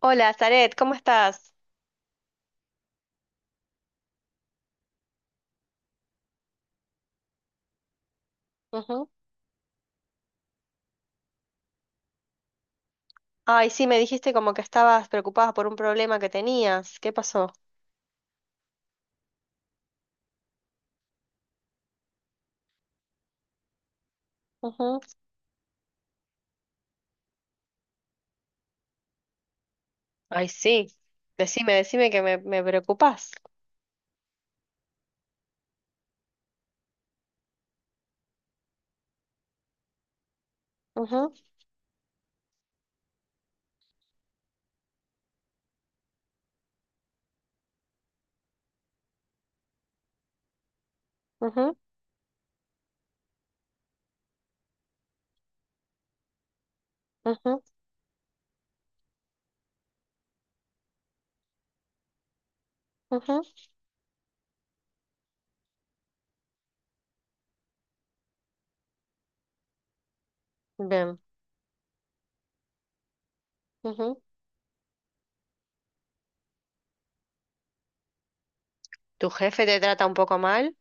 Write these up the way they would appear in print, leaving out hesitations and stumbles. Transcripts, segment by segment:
Hola, Zaret, ¿cómo estás? Ujú. Ay, sí, me dijiste como que estabas preocupada por un problema que tenías. ¿Qué pasó? Ujú. Ay, sí. Decime, decime que me preocupás. Ujú. Ujú. Ujú. Ujú. Bien. Ujú. ¿Tu jefe te trata un poco mal?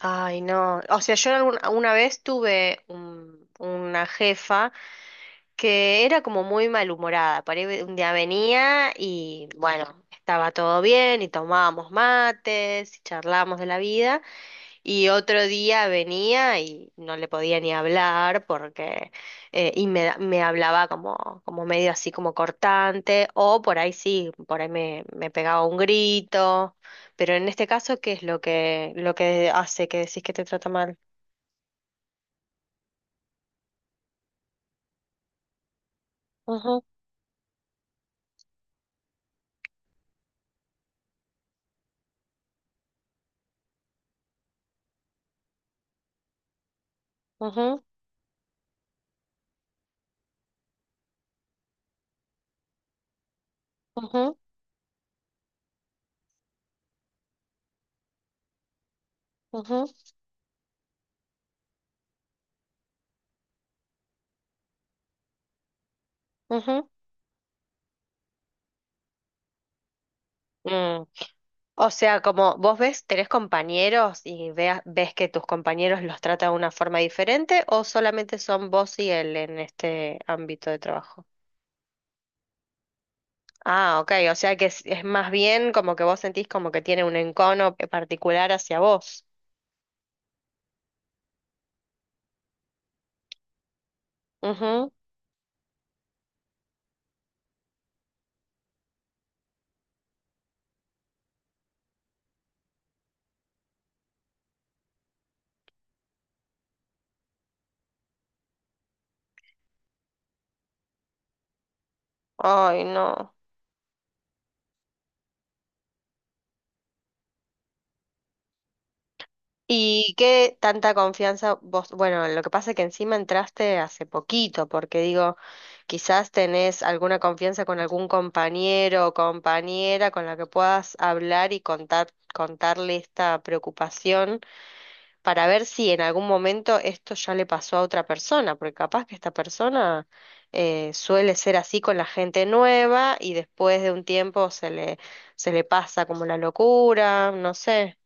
Ay, no. O sea, yo una vez tuve una jefa que era como muy malhumorada. Por ahí un día venía y bueno, estaba todo bien y tomábamos mates y charlábamos de la vida. Y otro día venía y no le podía ni hablar porque y me hablaba como, como medio así como cortante, o por ahí sí, por ahí me pegaba un grito, pero en este caso, ¿qué es lo que hace que decís que te trata mal? Ujú. Ujú. Ujú. Ujú. Ujú. Mm. O sea, como vos ves, tenés compañeros y veas, ves que tus compañeros los tratan de una forma diferente o solamente son vos y él en este ámbito de trabajo. Ah, ok, o sea que es más bien como que vos sentís como que tiene un encono particular hacia vos. Ujú. Ay, no. ¿Y qué tanta confianza vos? Bueno, lo que pasa es que encima entraste hace poquito, porque digo, quizás tenés alguna confianza con algún compañero o compañera con la que puedas hablar y contar, contarle esta preocupación, para ver si en algún momento esto ya le pasó a otra persona, porque capaz que esta persona suele ser así con la gente nueva y después de un tiempo se le pasa como la locura, no sé,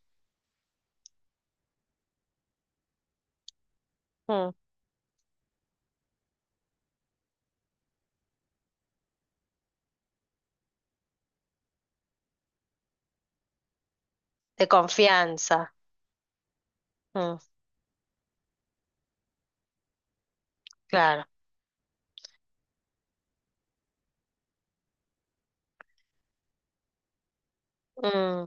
mm, de confianza, mm, claro. Mm.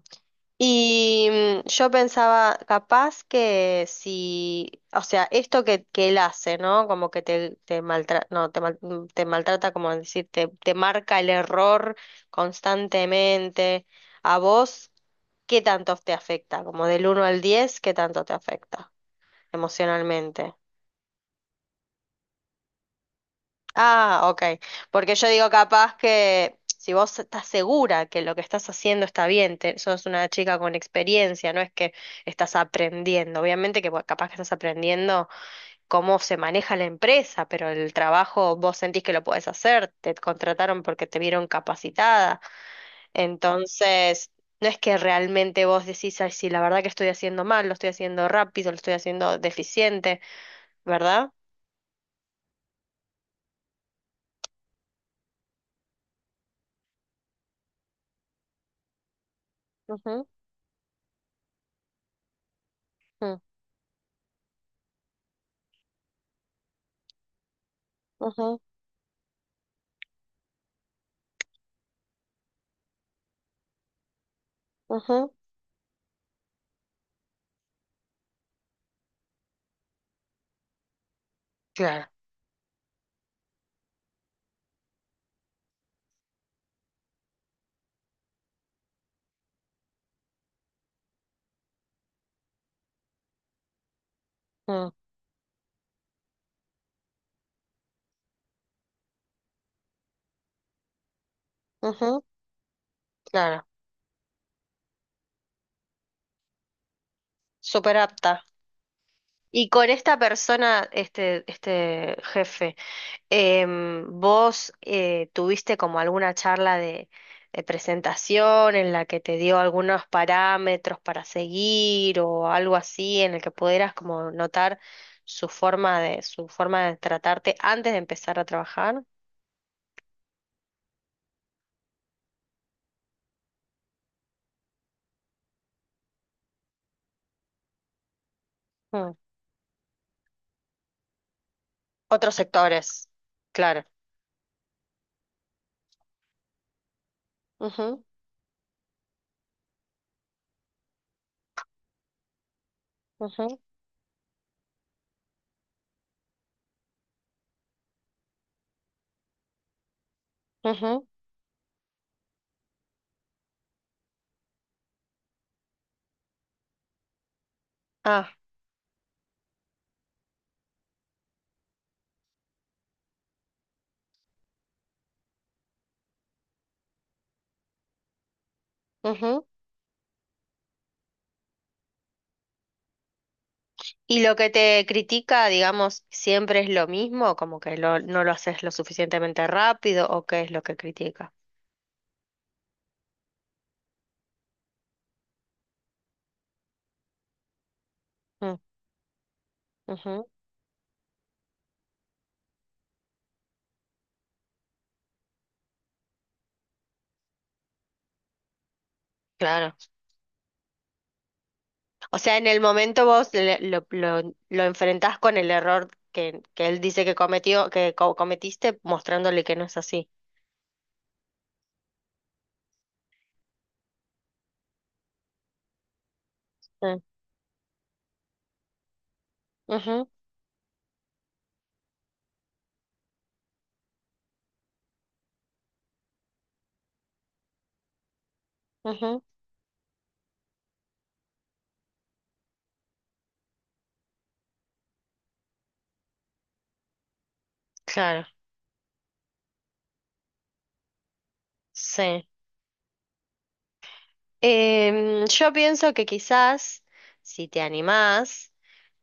Y yo pensaba, capaz que si, o sea, esto que él hace, ¿no? Como que te maltrata, no, te, te maltrata, como decir, te marca el error constantemente. ¿A vos qué tanto te afecta? Como del uno al diez, ¿qué tanto te afecta emocionalmente? Ah, ok. Porque yo digo capaz que si vos estás segura que lo que estás haciendo está bien, sos una chica con experiencia, no es que estás aprendiendo. Obviamente que bueno, capaz que estás aprendiendo cómo se maneja la empresa, pero el trabajo vos sentís que lo podés hacer, te contrataron porque te vieron capacitada. Entonces, no es que realmente vos decís, ay, sí, la verdad que estoy haciendo mal, lo estoy haciendo rápido, lo estoy haciendo deficiente, ¿verdad? Ujú. Mm. Ujú. Ujú. Claro. Ujú. Claro, súper apta. Y con esta persona, este jefe, ¿vos tuviste como alguna charla de presentación en la que te dio algunos parámetros para seguir o algo así en el que pudieras como notar su forma de tratarte antes de empezar a trabajar? Mm. Otros sectores, claro. Ujú. Ujú. Ujú. Ah, ujú. Y lo que te critica, digamos, siempre es lo mismo, como que no lo haces lo suficientemente rápido, o qué es lo que critica. Mm. Ujú. Claro. O sea, en el momento vos lo enfrentás con el error que él dice que cometió, que cometiste, mostrándole que no es así. Mm. Ujú. Ujú. Claro. Sí. Yo pienso que quizás, si te animás,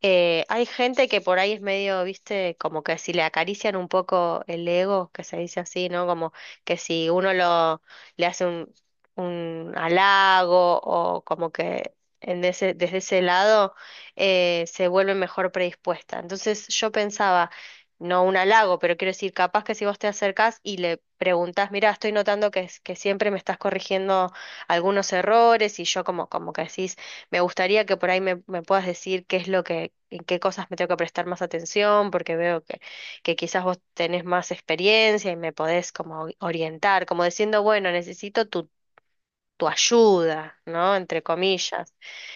hay gente que por ahí es medio, viste, como que si le acarician un poco el ego, que se dice así, ¿no? Como que si uno lo le hace un halago o como que en ese, desde ese lado se vuelve mejor predispuesta. Entonces yo pensaba, no un halago, pero quiero decir, capaz que si vos te acercás y le preguntás, mira, estoy notando que, que siempre me estás corrigiendo algunos errores y yo como, como que decís, me gustaría que por ahí me puedas decir qué es lo que, en qué cosas me tengo que prestar más atención, porque veo que quizás vos tenés más experiencia y me podés como orientar, como diciendo, bueno, necesito tu ayuda, ¿no? Entre comillas.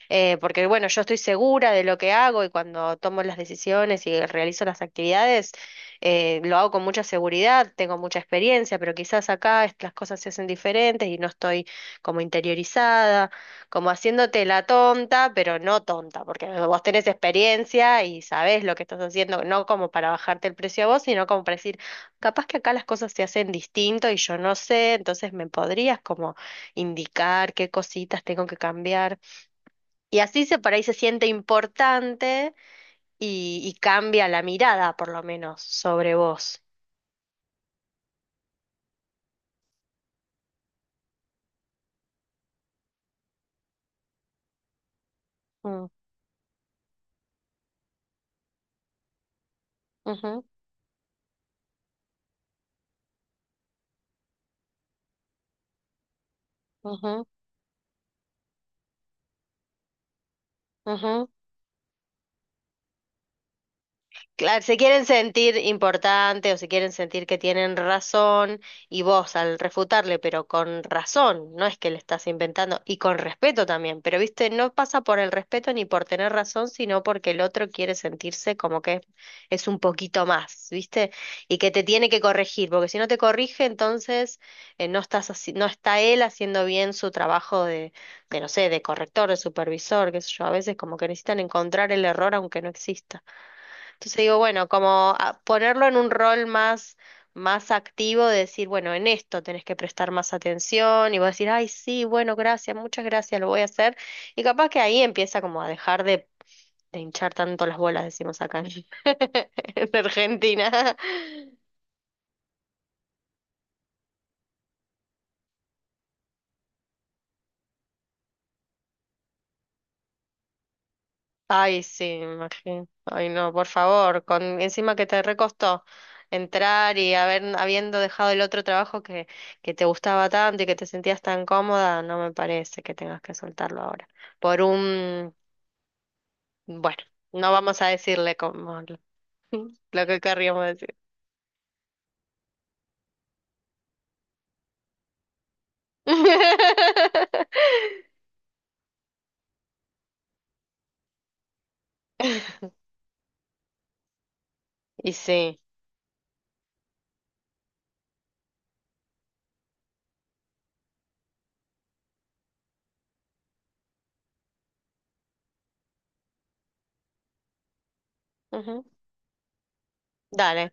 Porque bueno, yo estoy segura de lo que hago y cuando tomo las decisiones y realizo las actividades, lo hago con mucha seguridad, tengo mucha experiencia, pero quizás acá las cosas se hacen diferentes y no estoy como interiorizada, como haciéndote la tonta, pero no tonta, porque vos tenés experiencia y sabés lo que estás haciendo, no como para bajarte el precio a vos, sino como para decir, capaz que acá las cosas se hacen distinto y yo no sé, entonces me podrías como indicar qué cositas tengo que cambiar. Y así se por ahí se siente importante y cambia la mirada, por lo menos, sobre vos. Mm. Ujú. Ujú. Ujú. Claro, se quieren sentir importantes o se quieren sentir que tienen razón y vos al refutarle, pero con razón, no es que le estás inventando y con respeto también, pero viste, no pasa por el respeto ni por tener razón, sino porque el otro quiere sentirse como que es un poquito más, viste, y que te tiene que corregir, porque si no te corrige, entonces no estás no está él haciendo bien su trabajo no sé, de corrector, de supervisor, qué sé yo, a veces como que necesitan encontrar el error aunque no exista. Entonces digo, bueno, como ponerlo en un rol más, más activo, de decir, bueno, en esto tenés que prestar más atención y vos decir, ay, sí, bueno, gracias, muchas gracias, lo voy a hacer. Y capaz que ahí empieza como a dejar de hinchar tanto las bolas, decimos acá en en Argentina. Ay, sí, me imagino. Ay, no, por favor, con encima que te recostó entrar y haber, habiendo dejado el otro trabajo que te gustaba tanto y que te sentías tan cómoda, no me parece que tengas que soltarlo ahora. Por un, bueno, no vamos a decirle como lo, lo que querríamos decir. Y sí. Ujú. Dale.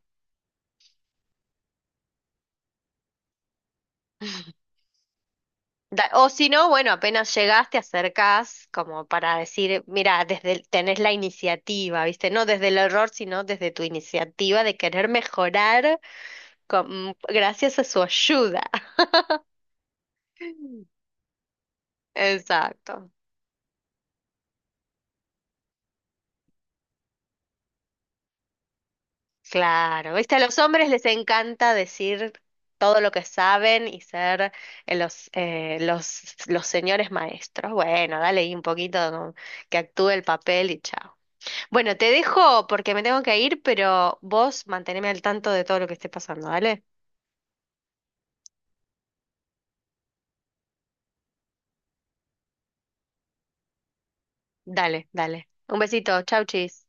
O si no, bueno, apenas llegás, te acercás como para decir, mira, tenés la iniciativa, ¿viste? No desde el error, sino desde tu iniciativa de querer mejorar gracias a su ayuda. Exacto. Claro, ¿viste? A los hombres les encanta decir todo lo que saben y ser los señores maestros. Bueno, dale ahí un poquito como que actúe el papel y chao. Bueno, te dejo porque me tengo que ir, pero vos manteneme al tanto de todo lo que esté pasando, ¿vale? Dale, dale. Un besito, chau, chis.